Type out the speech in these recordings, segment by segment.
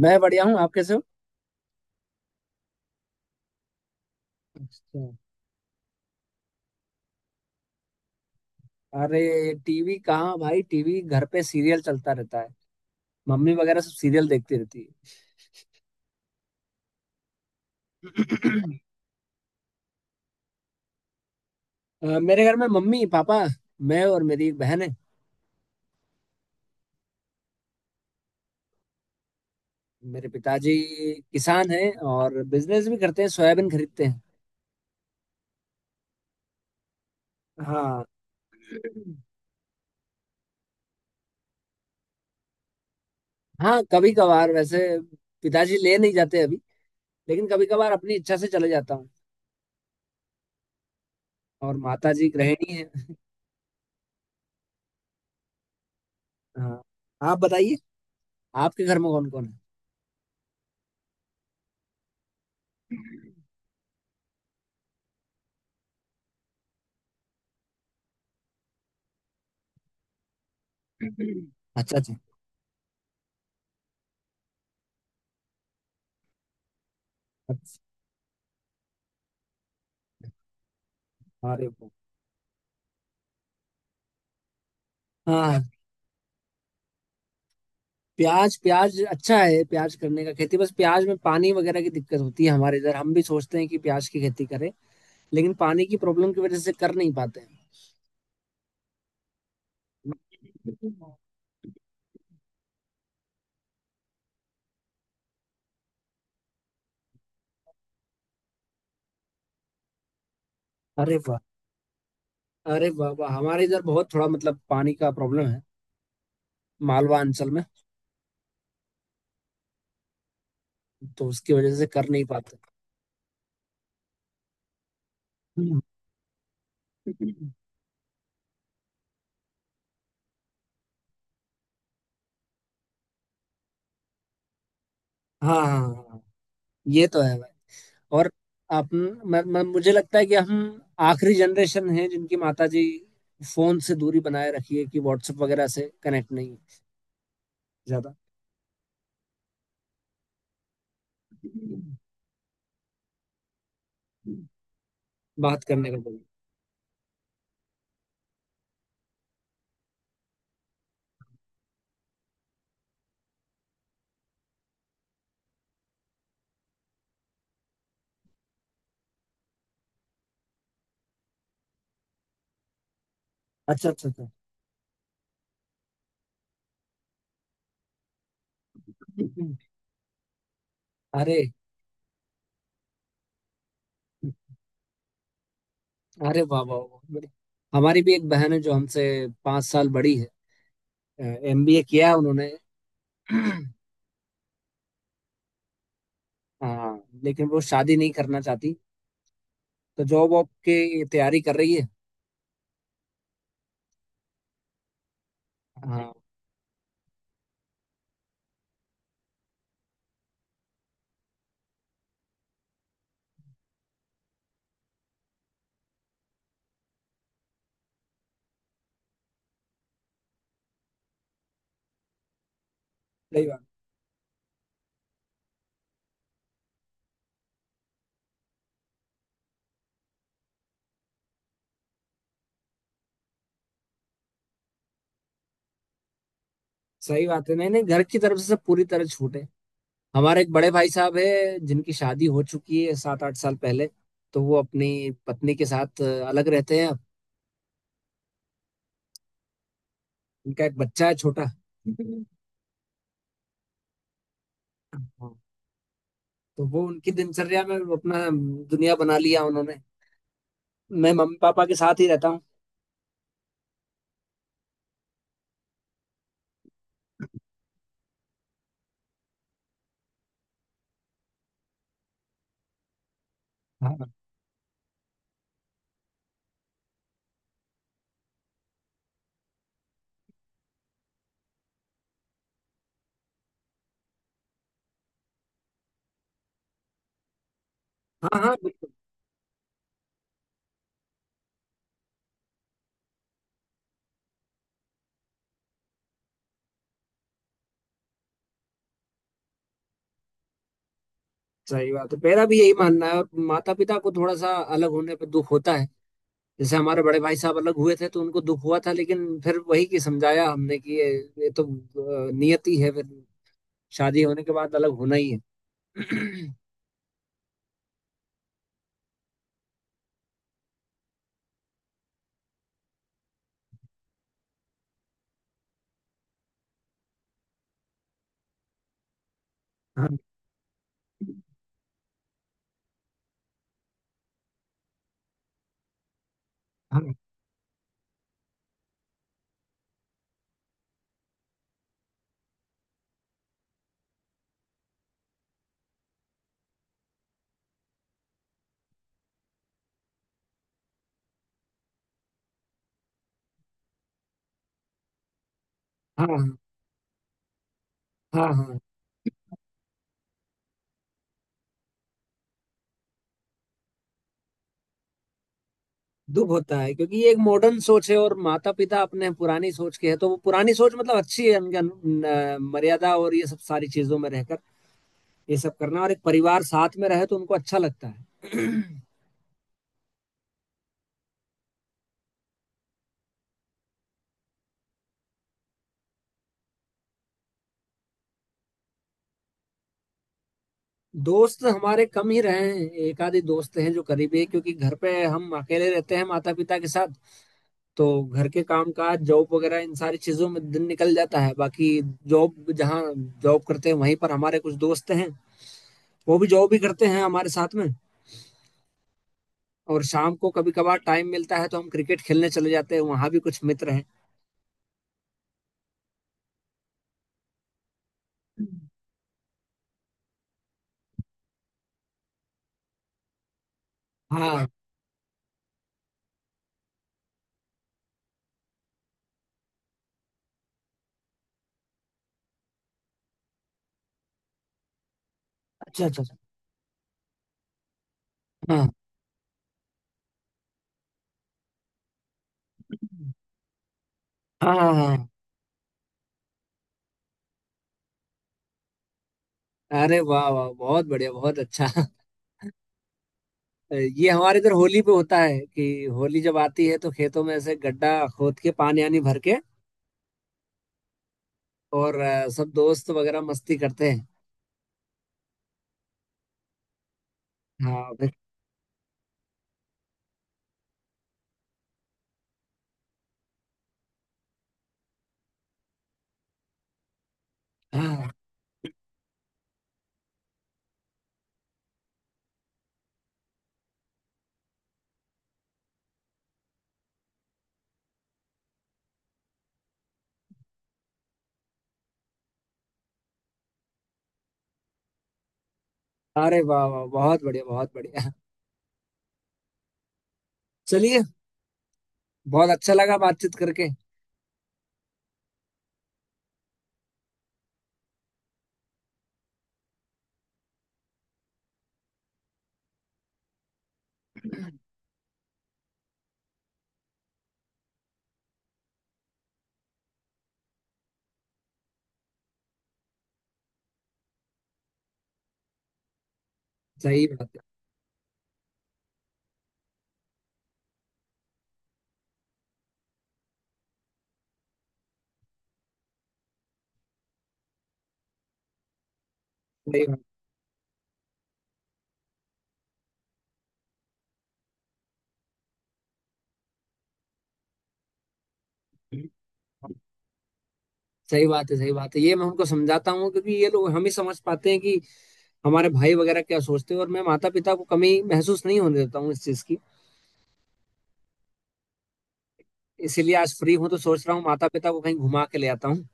मैं बढ़िया हूँ। आप कैसे हो? अच्छा। अरे, टीवी कहाँ भाई, टीवी घर पे सीरियल चलता रहता है। मम्मी वगैरह सब सीरियल देखती रहती है। मेरे घर में मम्मी पापा, मैं और मेरी एक बहन है। मेरे पिताजी किसान हैं और बिजनेस भी करते हैं, सोयाबीन खरीदते हैं। हाँ। हाँ कभी कभार। वैसे पिताजी ले नहीं जाते अभी, लेकिन कभी कभार अपनी इच्छा से चले जाता हूँ। और माता जी गृहिणी है। हाँ, आप बताइए, आपके घर में कौन कौन है? अच्छा अच्छा। अरे वाह। हाँ। प्याज, प्याज अच्छा है, प्याज करने का खेती। बस प्याज में पानी वगैरह की दिक्कत होती है हमारे इधर। हम भी सोचते हैं कि प्याज की खेती करें, लेकिन पानी की प्रॉब्लम की वजह से कर नहीं पाते हैं। अरे वाह। अरे वाह वाह, हमारे इधर बहुत थोड़ा मतलब पानी का प्रॉब्लम है। मालवा अंचल में, तो उसकी वजह से कर नहीं पाते। हम्म। हाँ हाँ हाँ हाँ, ये तो है। और आप, म, म, मुझे लगता है कि हम आखिरी जनरेशन है जिनकी माताजी फोन से दूरी बनाए रखी है। कि व्हाट्सएप वगैरह से कनेक्ट नहीं है ज्यादा। बात करने का जरूर। अच्छा अच्छा अच्छा। अरे, अरे वाह वाह वाह। हमारी भी एक बहन है जो हमसे 5 साल बड़ी है। एमबीए किया है उन्होंने। हाँ, लेकिन वो शादी नहीं करना चाहती, तो जॉब वॉब की तैयारी कर रही है। हाँ, सही बात। सही बात है। नहीं नहीं, घर की तरफ से सब पूरी तरह छूट है। हमारे एक बड़े भाई साहब है, जिनकी शादी हो चुकी है 7-8 साल पहले। तो वो अपनी पत्नी के साथ अलग रहते हैं। उनका एक बच्चा है छोटा। हाँ। तो वो उनकी दिनचर्या में अपना दुनिया बना लिया उन्होंने। मैं मम्मी पापा के साथ ही रहता हूँ। हाँ हाँ हाँ, बिल्कुल। सही बात है, मेरा भी यही मानना है। और माता पिता को थोड़ा सा अलग होने पर दुख होता है। जैसे हमारे बड़े भाई साहब अलग हुए थे तो उनको दुख हुआ था, लेकिन फिर वही कि समझाया हमने कि ये तो नियति है। फिर शादी होने के बाद अलग होना ही है। हाँ हाँ हाँ हाँ हाँ। दुख होता है क्योंकि ये एक मॉडर्न सोच है और माता पिता अपने पुरानी सोच के है। तो वो पुरानी सोच मतलब अच्छी है उनके मर्यादा और ये सब सारी चीजों में रहकर ये सब करना, और एक परिवार साथ में रहे तो उनको अच्छा लगता है। दोस्त हमारे कम ही रहे हैं, एक आधे दोस्त हैं जो करीबी है। क्योंकि घर पे हम अकेले रहते हैं माता पिता के साथ, तो घर के काम काज जॉब वगैरह इन सारी चीजों में दिन निकल जाता है। बाकी जॉब जहाँ, जॉब करते हैं वहीं पर हमारे कुछ दोस्त हैं। वो भी जॉब भी करते हैं हमारे साथ में। और शाम को कभी कभार टाइम मिलता है तो हम क्रिकेट खेलने चले जाते हैं, वहां भी कुछ मित्र हैं। हाँ। अच्छा अच्छा अच्छा। हाँ हाँ हाँ हाँ। अरे वाह वाह, बहुत बढ़िया, बहुत अच्छा। ये हमारे इधर होली पे होता है कि, होली जब आती है तो खेतों में ऐसे गड्ढा खोद के पानी आनी भर के, और सब दोस्त वगैरह मस्ती करते हैं। हाँ हाँ, अरे वाह वाह, बहुत बढ़िया, बहुत बढ़िया। चलिए, बहुत अच्छा लगा बातचीत करके। सही बात है, सही बात है, सही बात है। सही बात है, ये मैं उनको समझाता हूँ, क्योंकि ये लोग हम ही समझ पाते हैं कि हमारे भाई वगैरह क्या सोचते हैं। और मैं माता पिता को कमी महसूस नहीं होने देता हूँ इस चीज की। इसीलिए आज फ्री हूँ तो सोच रहा हूँ माता पिता को कहीं घुमा के ले आता हूँ।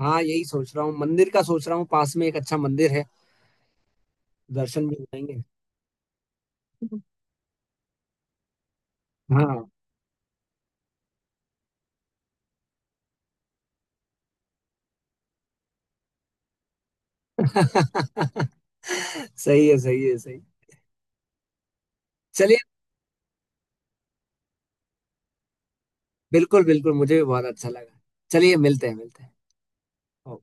हाँ, यही सोच रहा हूँ, मंदिर का सोच रहा हूँ, पास में एक अच्छा मंदिर है, दर्शन भी हो जाएंगे। हाँ। सही है सही है सही। चलिए। बिल्कुल बिल्कुल, मुझे भी बहुत अच्छा लगा। चलिए, मिलते हैं, मिलते हैं।